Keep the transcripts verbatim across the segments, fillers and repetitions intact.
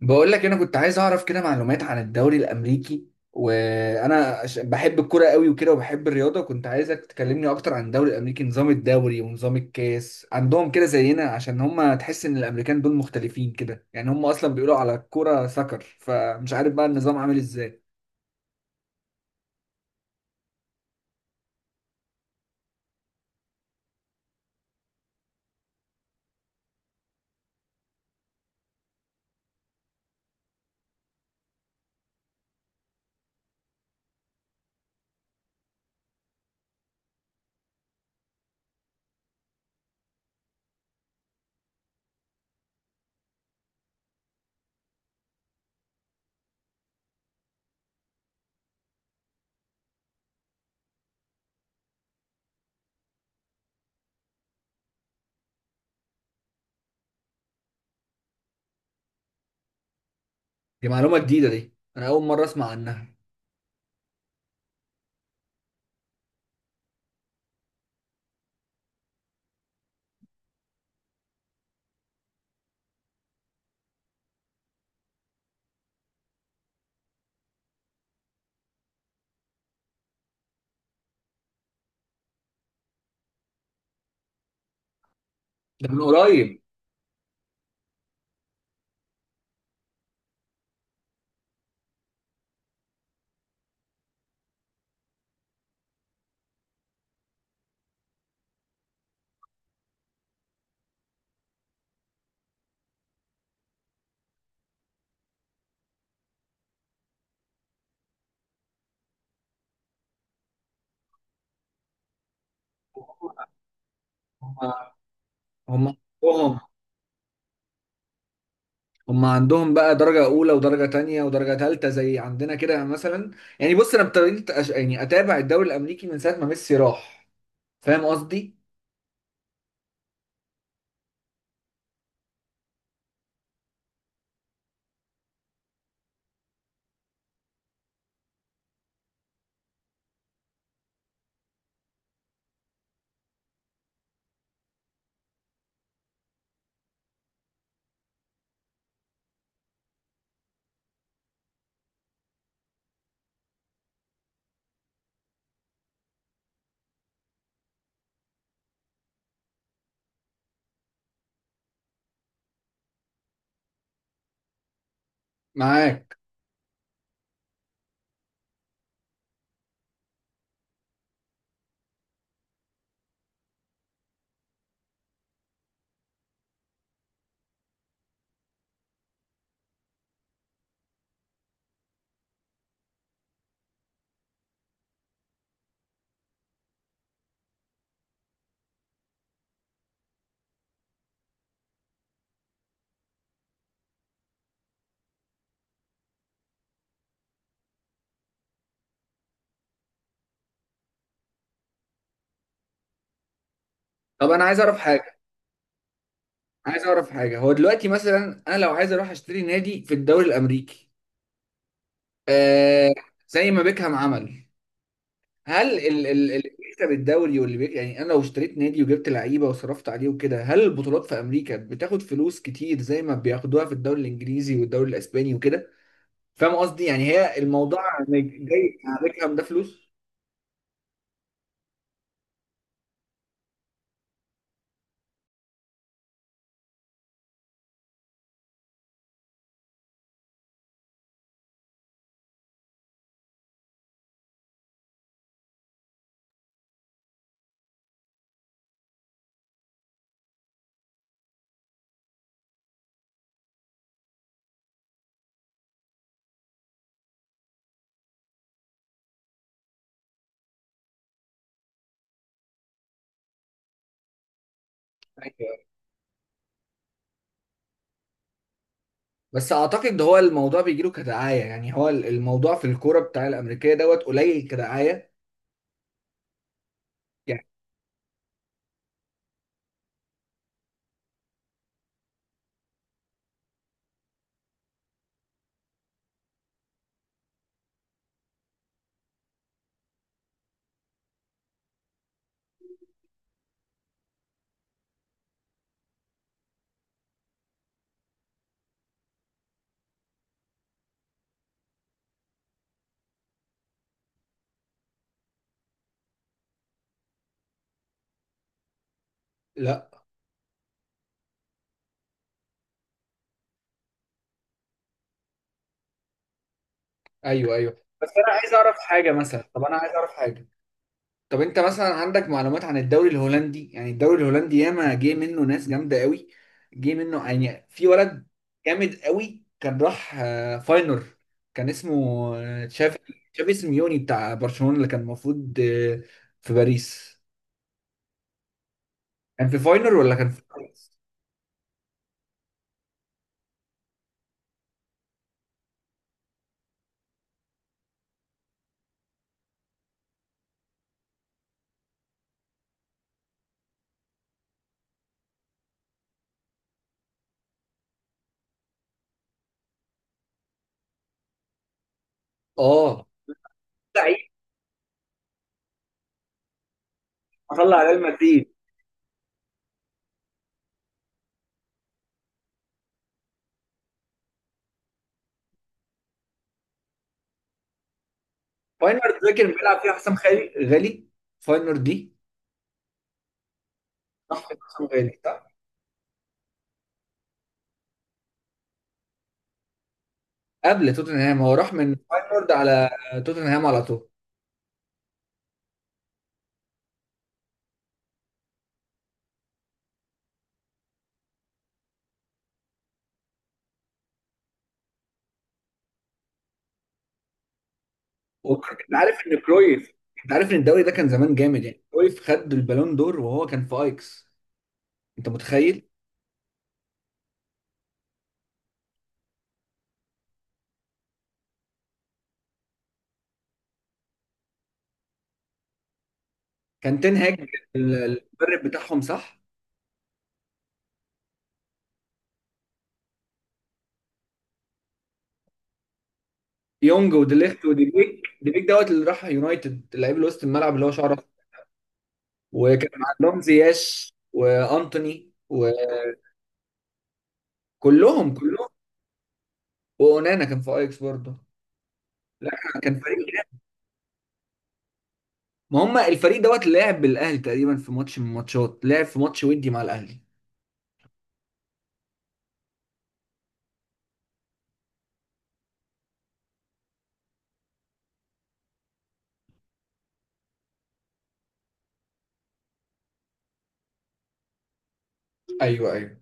بقول لك انا كنت عايز اعرف كده معلومات عن الدوري الامريكي، وانا عش- بحب الكوره قوي وكده، وبحب الرياضه. كنت عايزك تكلمني اكتر عن الدوري الامريكي، نظام الدوري ونظام الكاس عندهم كده زينا، عشان هم تحس ان الامريكان دول مختلفين كده. يعني هم اصلا بيقولوا على الكوره سكر، فمش عارف بقى النظام عامل ازاي. دي معلومه جديده دي، انا اول مره اسمع عنها. ده من قريب. هم. هم. هم. هم. عندهم بقى درجة أولى ودرجة تانية ودرجة تالتة زي عندنا كده مثلا. يعني بص، أنا ابتديت أش... يعني أتابع الدوري الأمريكي من ساعة ما ميسي راح. فاهم قصدي؟ معاك. طب أنا عايز أعرف حاجة عايز أعرف حاجة هو دلوقتي مثلا أنا لو عايز أروح أشتري نادي في الدوري الأمريكي، آه، زي ما بيكهام عمل. هل ال... ال... اللي بيكسب الدوري واللي بيك... يعني أنا لو اشتريت نادي وجبت لعيبة وصرفت عليه وكده، هل البطولات في أمريكا بتاخد فلوس كتير زي ما بياخدوها في الدوري الإنجليزي والدوري الإسباني وكده؟ فاهم قصدي؟ يعني هي الموضوع، يعني جاي على بيكهام ده، فلوس. أيوة. بس اعتقد ده هو الموضوع بيجي له كدعايه، يعني هو الموضوع في الكوره بتاع الامريكيه دوت قليل كدعايه. يعني. لا، ايوه، ايوه. بس انا عايز اعرف حاجه مثلا. طب انا عايز اعرف حاجه. طب انت مثلا عندك معلومات عن الدوري الهولندي؟ يعني الدوري الهولندي ياما جه منه ناس جامده قوي. جه منه يعني في ولد جامد قوي، كان راح آه، فاينر. كان اسمه آه، تشافي تشافي سيميوني بتاع برشلونه، اللي كان المفروض آه، في باريس. كان في فاينر ولا كان في باريس؟ اه. لعيب. طلع ريال مدريد. فاينر ده كان بيلعب فيها حسام غالي غالي فاينر دي. راح فين حسام غالي، صح؟ قبل توتنهام، هو راح من فاينر على توتنهام على طول. وك- انت عارف ان كرويف، انت عارف ان الدوري ده كان زمان جامد؟ يعني كرويف خد البالون دور وهو كان في ايكس. انت متخيل؟ كان تنهاج. ال- المدرب بتاعهم، صح؟ يونج وديليخت وديبيك. ديبيك دوت، اللي راح يونايتد، لعيب اللي وسط الملعب اللي هو شعره أخضر. وكان عندهم زياش وانتوني. وكلهم كلهم واونانا كان في ايكس برضه. لا. كان فريق جامد. ما هم الفريق دوت لعب بالاهلي تقريبا في ماتش من الماتشات، لعب في ماتش ودي مع الاهلي. ايوه، ايوه.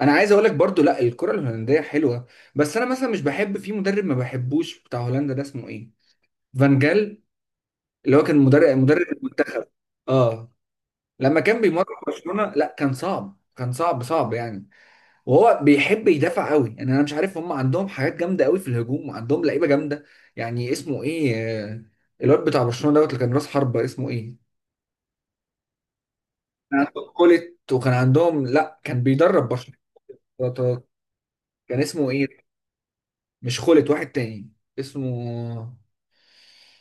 انا عايز اقول لك برضو، لا، الكره الهولنديه حلوه. بس انا مثلا مش بحب في مدرب، ما بحبوش، بتاع هولندا ده اسمه ايه؟ فان جال. اللي هو كان مدرب مدرب المنتخب. اه. لما كان بيمرن برشلونه، لا، كان صعب كان صعب صعب يعني. وهو بيحب يدافع قوي. يعني انا مش عارف، هم عندهم حاجات جامده قوي في الهجوم، وعندهم لعيبه جامده. يعني اسمه ايه؟ آه، الواد بتاع برشلونه دوت، اللي كان راس حربه، اسمه ايه؟ كان عندهم كولت، وكان عندهم، لا، كان بيدرب برشلونه. كان اسمه ايه؟ مش خولت، واحد تاني اسمه.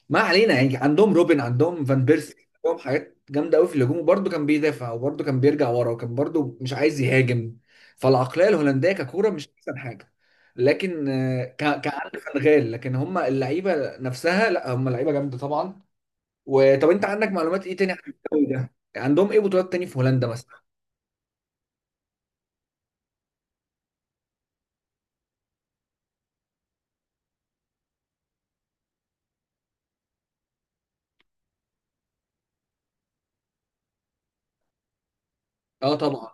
ما علينا. يعني عندهم روبن، عندهم فان بيرسي، عندهم حاجات جامده قوي في الهجوم، وبرده كان بيدافع، وبرده كان بيرجع ورا، وكان برده مش عايز يهاجم. فالعقليه الهولنديه ككوره مش احسن حاجه. لكن آه، ك- كان عندي فنغال، لكن هم اللعيبه نفسها لا، هم لعيبه جامده طبعا. وطب انت عندك معلومات ايه تاني عن الدوري ده؟ عندهم ايه بطولات تاني في هولندا مثلا؟ اه طبعا.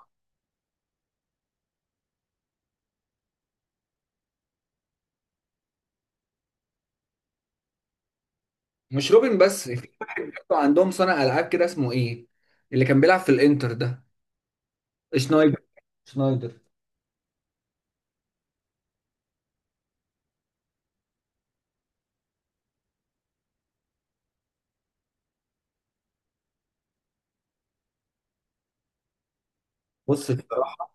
مش روبن بس، في واحد برضه عندهم صانع العاب كده اسمه ايه، اللي كان بيلعب في الانتر ده. شنايدر. شنايدر. بص الصراحه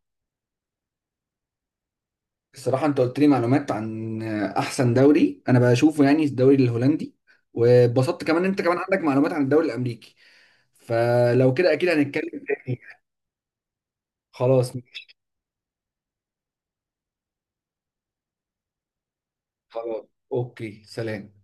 الصراحه انت قلت لي معلومات عن احسن دوري انا بشوفه، يعني الدوري الهولندي، واتبسطت كمان إن انت كمان عندك معلومات عن الدوري الامريكي. فلو كده اكيد هنتكلم تاني. خلاص. خلاص. اوكي، سلام.